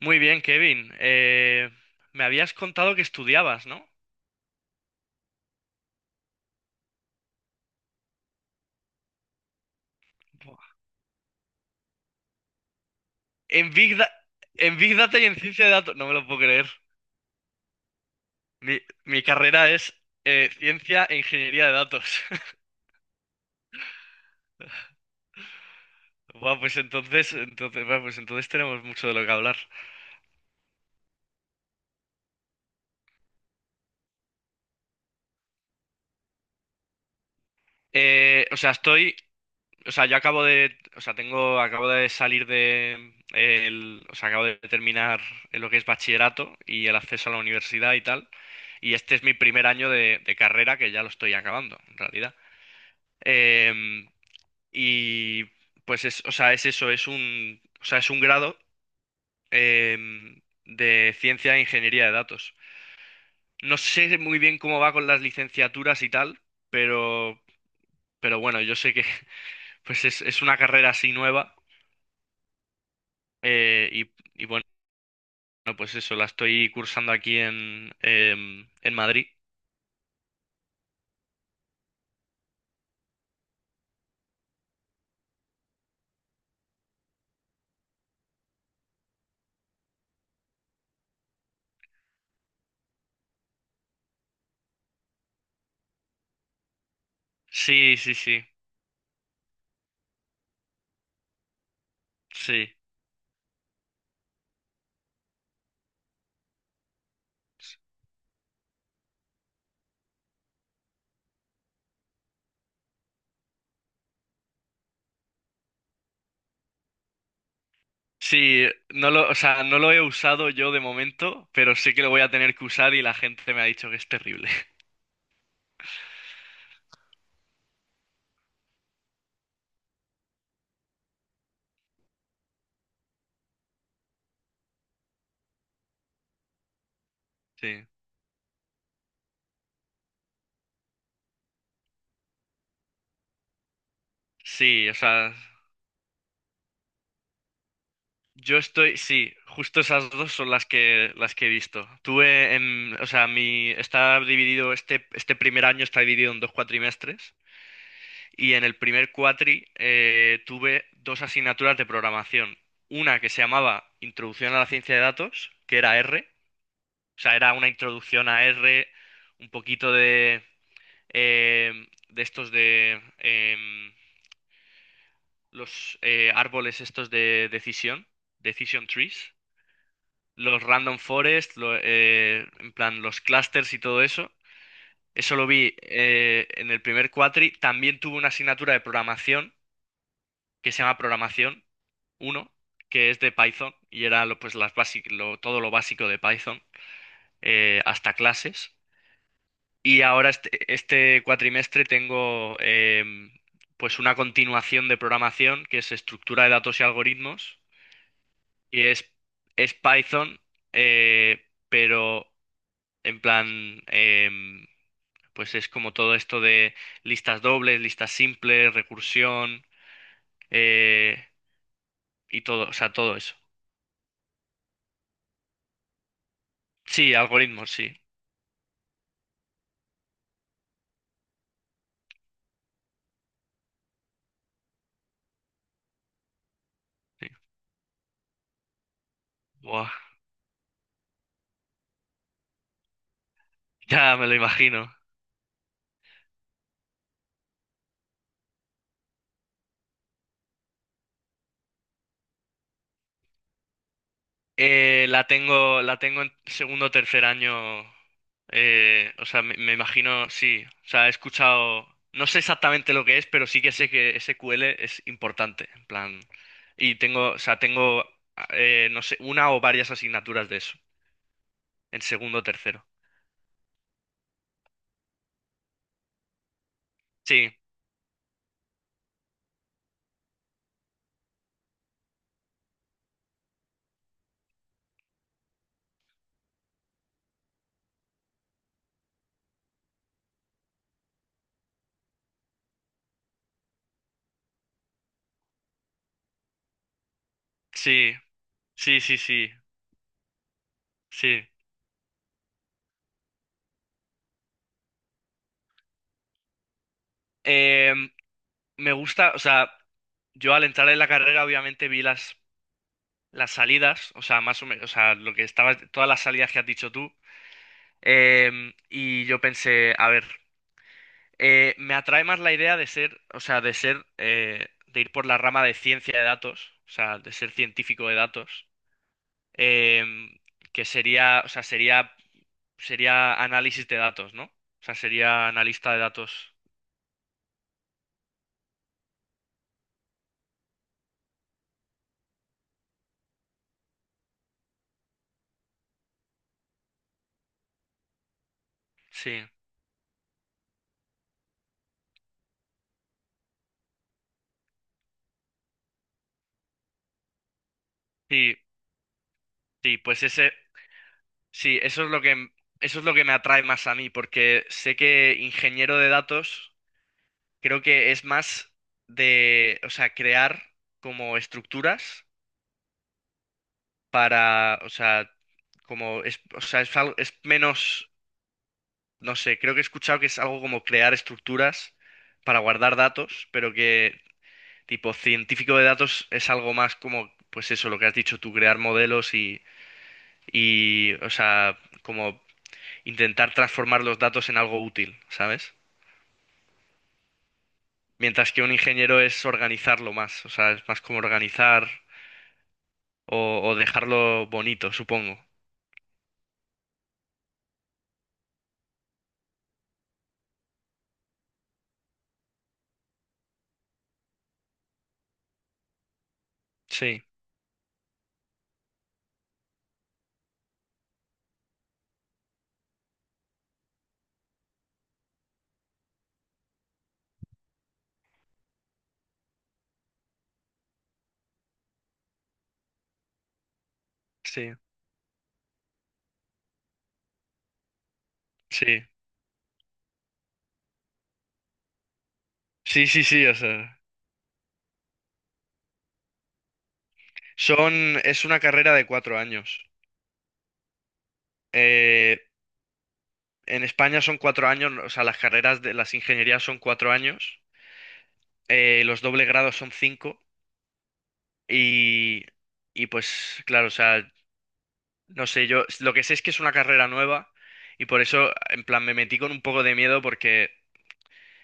Muy bien, Kevin. Me habías contado que estudiabas, ¿no? Buah. En Big Da- en Big Data y en ciencia de datos. No me lo puedo creer. Mi, mi carrera es ciencia e ingeniería de datos. Buah, pues entonces tenemos mucho de lo que hablar. O sea, estoy. O sea, yo acabo de. O sea, tengo. Acabo de salir de. El- o sea, Acabo de terminar lo que es bachillerato y el acceso a la universidad y tal. Y este es mi primer año de carrera que ya lo estoy acabando, en realidad. Em, y pues es eso, es un grado em, de ciencia e ingeniería de datos. No sé muy bien cómo va con las licenciaturas y tal, pero, pero bueno, yo sé que es una carrera así nueva y bueno, pues eso, la estoy cursando aquí en Madrid. Sí, sí, sí, sí. No lo he usado yo de momento, pero sé que lo voy a tener que usar y la gente me ha dicho que es terrible. Sí. Sí, o sea, Justo esas dos son las que he visto. Tuve en, o sea, mi está dividido este este primer año está dividido en dos cuatrimestres y en el primer cuatri tuve dos asignaturas de programación. Una que se llamaba Introducción a la ciencia de datos, que era R, o sea, era una introducción a R, un poquito de em, de estos de em, los árboles estos de decisión, decision trees, los random forest, en plan los clusters y todo eso. Eso lo vi en el primer cuatri. También tuve una asignatura de programación que se llama programación uno, que es de Python y era lo, pues todo lo básico de Python hasta clases. Y este cuatrimestre tengo pues una continuación de programación que es estructura de datos y algoritmos y es Python, eh, pero en plan, em, pues es como todo esto de listas dobles, listas simples, recursión eh, y todo, o sea, todo eso. Sí, algoritmos, sí. Sí. Buah, ya me lo imagino. La tengo en segundo o tercer año. Me imagino, sí. O sea, he escuchado. No sé exactamente lo que es, pero sí que sé que SQL es importante. En plan. Y tengo, o sea, tengo, no sé, una o varias asignaturas de eso. En segundo o tercero. Sí, sí, sí, sí, sí, sí. Em, Me gusta, o sea, yo al entrar en la carrera obviamente las salidas, o sea, más o menos, o sea, lo que estaba, todas las salidas que has dicho tú. Y yo pensé, a ver, me atrae más la idea de ser, o sea, de ser, de ir por la rama de ciencia de datos, o sea, de ser científico de datos, em, que sería análisis de datos, ¿no? O sea, sería analista de datos. Sí, sí, sí, eso es lo que, eso es lo que me atrae más a mí, porque sé que ingeniero de datos creo que es más crear como estructuras para, o sea, como es, o sea, es, al- es menos, no sé, creo que he escuchado que es algo como crear estructuras para guardar datos, pero que tipo científico de datos es algo más como, pues eso, lo que has dicho tú, crear modelos como intentar transformar los datos en algo útil, ¿sabes? Mientras que un ingeniero es organizarlo más, o sea, es más como organizar o dejarlo bonito, supongo. Sí, sí, sí, sí, sí, sí, o sea. Es una carrera de 4 años. Eh, en España son 4 años, o sea, las carreras de las ingenierías son 4 años, los doble grados son cinco y, y pues claro, o sea, no sé, yo lo que sé es que es una carrera nueva y por eso, en plan, me metí con un poco de miedo porque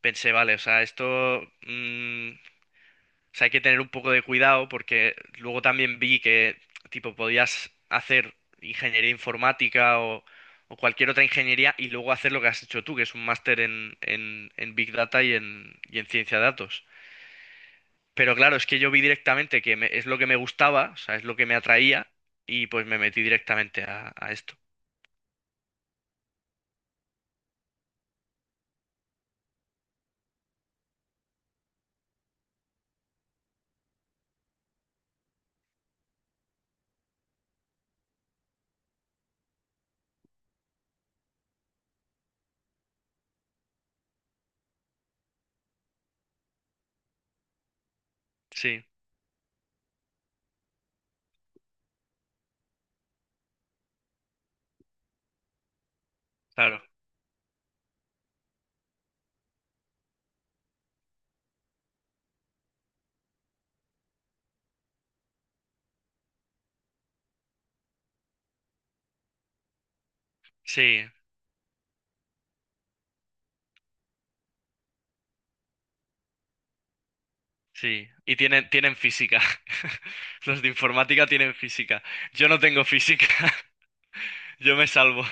pensé, vale, o sea, o sea, hay que tener un poco de cuidado porque luego también vi que, tipo, podías hacer ingeniería informática o cualquier otra ingeniería y luego hacer lo que has hecho tú, que es un máster en Big Data y en ciencia de datos. Pero claro, es que yo vi directamente es lo que me gustaba, o sea, es lo que me atraía y pues me metí directamente a esto. Sí, claro, sí, sí. Y tienen física. Los de informática tienen física. Yo no tengo física, yo me salvo.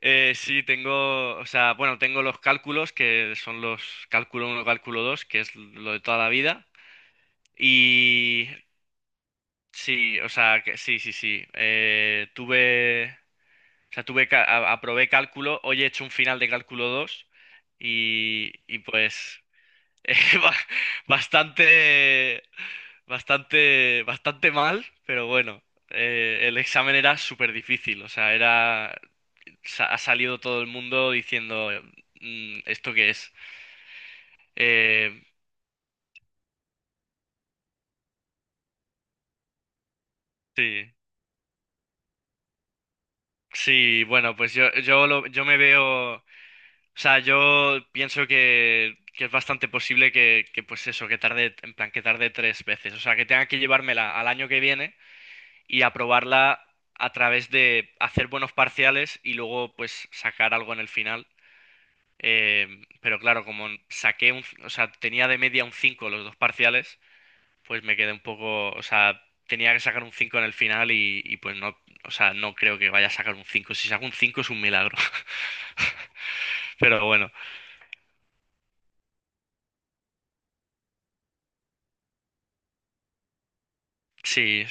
Sí, tengo, o sea, bueno, tengo los cálculos, que son los cálculo uno, cálculo 2, que es lo de toda la vida. Y sí, sí, sí. Tuve, o sea, tuve, ca- a- Aprobé cálculo, hoy he hecho un final de cálculo 2 y pues eh, ba- bastante, bastante mal, pero bueno, el examen era súper difícil, o sea, ha salido todo el mundo diciendo, mm, ¿esto qué es? Eh, sí, sí, bueno, pues yo me veo, o sea, yo pienso que es bastante posible pues eso, que tarde 3 veces, o sea, que tenga que llevármela al año que viene y aprobarla a través de hacer buenos parciales y luego, pues, sacar algo en el final. Pero claro, como saqué un, o sea, tenía de media un 5 los dos parciales, pues me quedé un poco, o sea, tenía que sacar un 5 en el final y pues no, o sea, no creo que vaya a sacar un cinco. Si saco un 5 es un milagro. Pero bueno, sí,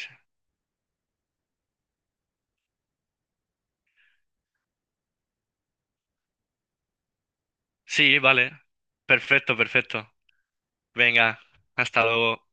sí, vale. Perfecto, perfecto. Venga, hasta luego.